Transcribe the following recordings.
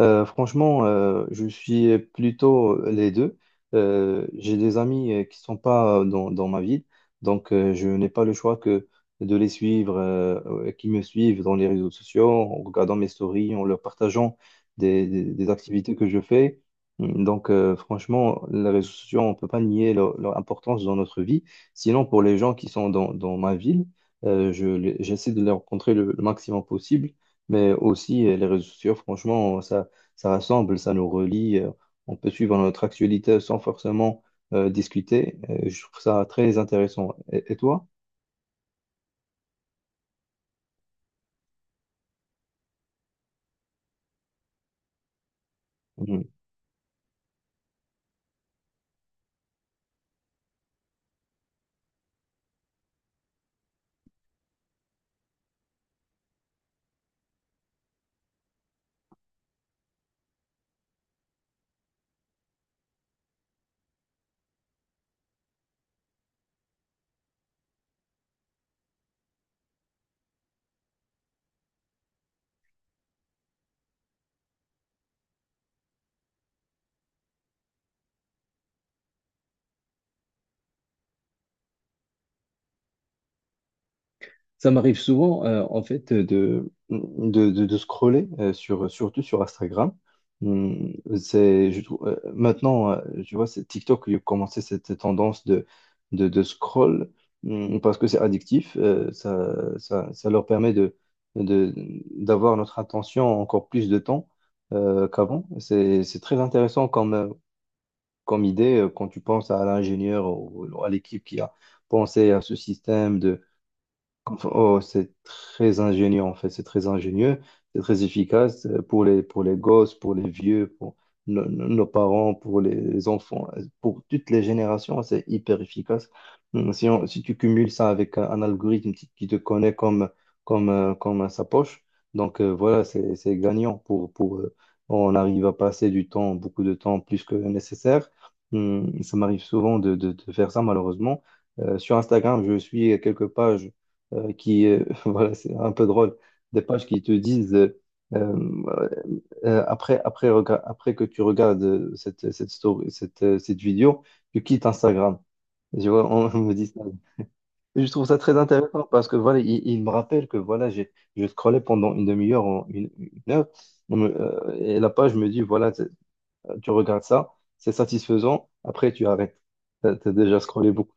Franchement, je suis plutôt les deux. J'ai des amis qui sont pas dans ma ville, donc je n'ai pas le choix que de les suivre, qui me suivent dans les réseaux sociaux, en regardant mes stories, en leur partageant des activités que je fais. Mmh, Donc, franchement, les réseaux sociaux, on ne peut pas nier leur importance dans notre vie. Sinon, pour les gens qui sont dans ma ville, j'essaie de les rencontrer le maximum possible. Mais aussi, les réseaux sociaux, franchement, ça rassemble, ça nous relie. On peut suivre notre actualité sans forcément discuter. Je trouve ça très intéressant. Et toi? Mmh. Ça m'arrive souvent, en fait, de scroller, surtout sur Instagram. C'est, je trouve, maintenant, tu vois, c'est TikTok qui a commencé cette tendance de scroll, parce que c'est addictif. Ça leur permet de, d'avoir notre attention encore plus de temps, qu'avant. C'est très intéressant comme idée quand tu penses à l'ingénieur ou à l'équipe qui a pensé à ce système de comme ça. Oh, c'est très ingénieux en fait, c'est très ingénieux, c'est très efficace pour les gosses, pour les vieux, pour nos parents, pour les enfants, pour toutes les générations, c'est hyper efficace. Si, si tu cumules ça avec un algorithme qui te connaît comme à sa poche, donc voilà, c'est gagnant pour on arrive à passer du temps, beaucoup de temps plus que nécessaire. Ça m'arrive souvent de faire ça malheureusement. Sur Instagram, je suis quelques pages voilà, c'est un peu drôle, des pages qui te disent, euh, après que tu regardes cette story, cette vidéo, tu quittes Instagram. Je vois, on me dit ça. Et je trouve ça très intéressant parce que voilà, il me rappelle que voilà, je scrollais pendant une demi-heure, 1 heure, et la page me dit, tu regardes ça, c'est satisfaisant, après tu arrêtes. T'as déjà scrollé beaucoup.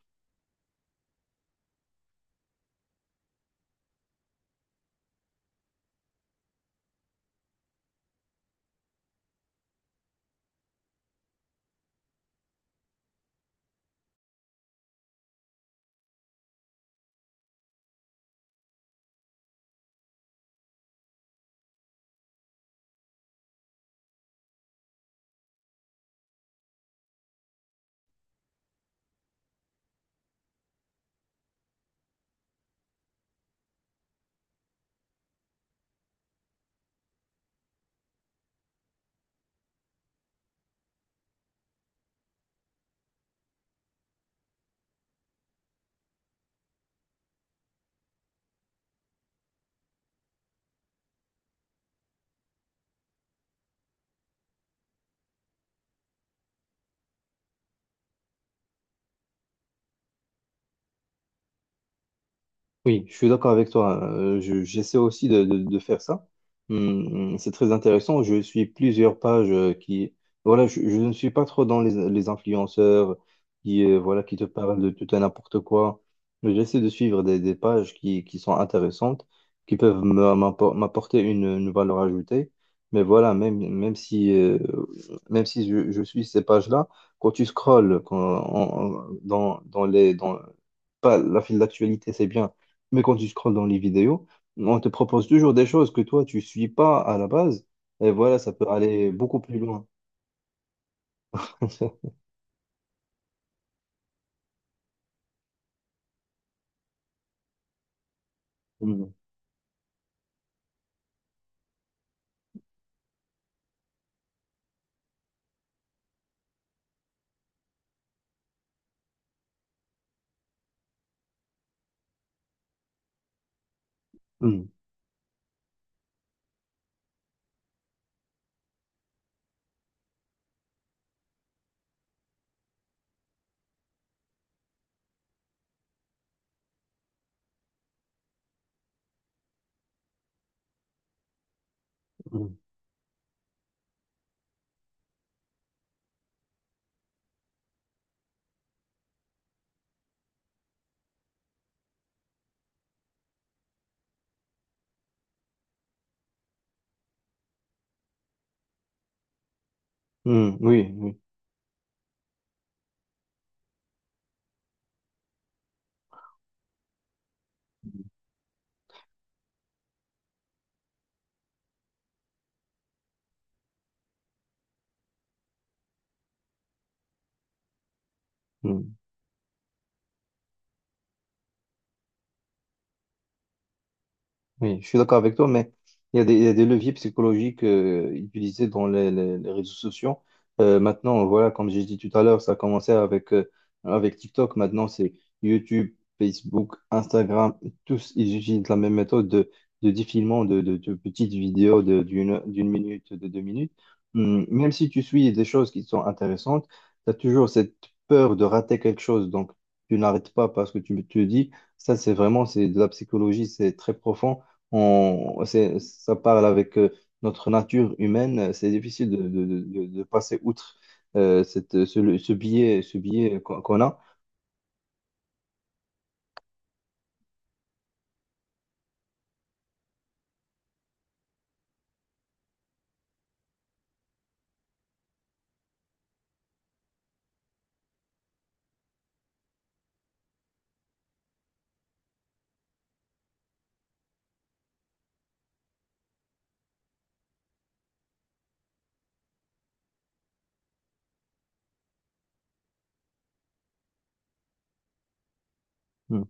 Oui, je suis d'accord avec toi. J'essaie aussi de faire ça. C'est très intéressant. Je suis plusieurs pages qui... Voilà, je ne suis pas trop dans les influenceurs voilà, qui te parlent de tout et n'importe quoi. Mais j'essaie de suivre des pages qui sont intéressantes, qui peuvent m'apporter une valeur ajoutée. Mais voilà, même si je suis ces pages-là, quand tu scrolles quand, en- en- dans, dans pas la file d'actualité, c'est bien, mais quand tu scrolles dans les vidéos, on te propose toujours des choses que toi, tu suis pas à la base. Et voilà, ça peut aller beaucoup plus loin. Mm, mm, mm, mm, oui, oui. Mm. Oui, je suis d'accord avec toi, mais il y a il y a des leviers psychologiques utilisés dans les réseaux sociaux. Maintenant, voilà, comme j'ai dit tout à l'heure, ça a commencé avec TikTok. Maintenant, c'est YouTube, Facebook, Instagram. Tous, ils utilisent la même méthode de défilement de petites vidéos d'1 minute, de 2 minutes. Même si tu suis des choses qui sont intéressantes, tu as toujours cette peur de rater quelque chose. Donc, tu n'arrêtes pas parce que tu te dis, ça, c'est de la psychologie, c'est très profond, ça parle avec notre nature humaine. C'est difficile de passer outre ce biais qu'on a. Hmm.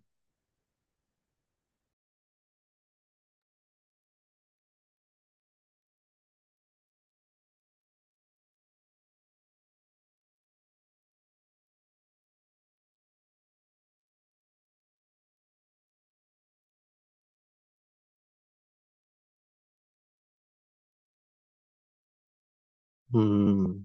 Hmm.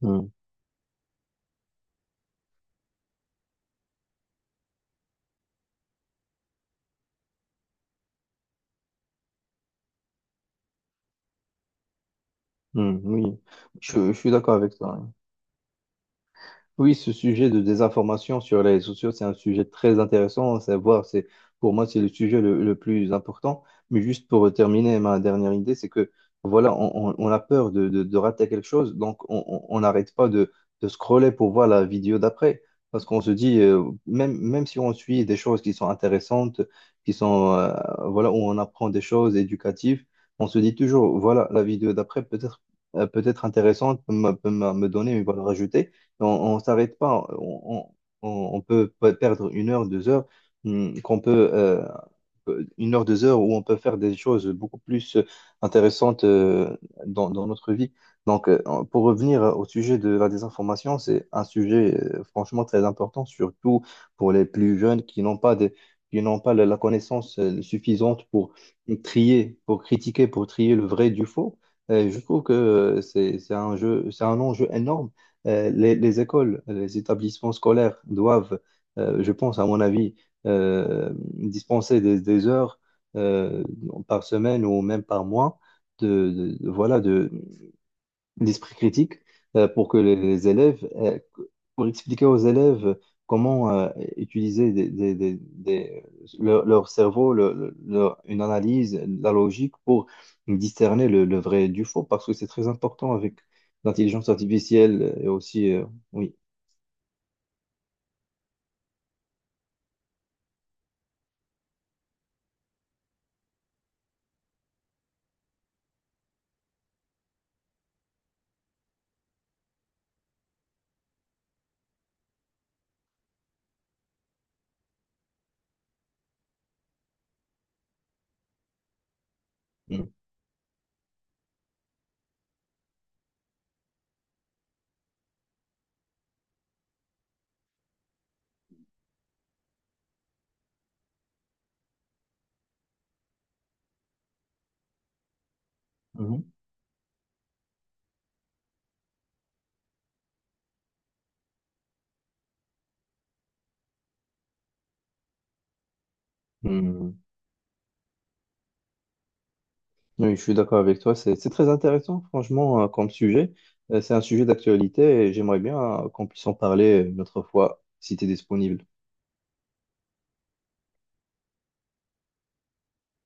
Hmm. Hmm. Oui, je suis d'accord avec toi, hein. Oui, ce sujet de désinformation sur les réseaux sociaux, c'est un sujet très intéressant à savoir. Pour moi, c'est le sujet le plus important. Mais juste pour terminer, ma dernière idée, c'est que voilà, on a peur de rater quelque chose, donc on n'arrête pas de scroller pour voir la vidéo d'après. Parce qu'on se dit, même si on suit des choses qui sont intéressantes, qui sont, euh, voilà, où on apprend des choses éducatives, on se dit toujours, voilà, la vidéo d'après peut-être peut-être intéressante, me donner une valeur ajoutée. On ne s'arrête pas. On peut perdre 1 heure, 2 heures, qu'on peut 1 heure, 2 heures où on peut faire des choses beaucoup plus intéressantes dans, dans notre vie. Pour revenir au sujet de la désinformation, c'est un sujet franchement très important, surtout pour les plus jeunes qui n'ont pas de, qui n'ont pas la connaissance suffisante pour trier, pour critiquer, pour trier le vrai du faux. Et je trouve que c'est un jeu, c'est un enjeu énorme. Les écoles, les établissements scolaires doivent, je pense, à mon avis, euh, dispenser des heures euh, par semaine ou même par mois de- voilà de d'esprit critique pour que les élèves pour expliquer aux élèves comment utiliser leur cerveau, une analyse, la logique pour discerner le vrai du faux parce que c'est très important avec l'intelligence artificielle et aussi oui. Mhm. Mhm. Mhm. Oui, je suis d'accord avec toi. C'est très intéressant, franchement, comme sujet. C'est un sujet d'actualité et j'aimerais bien qu'on puisse en parler une autre fois, si tu es disponible.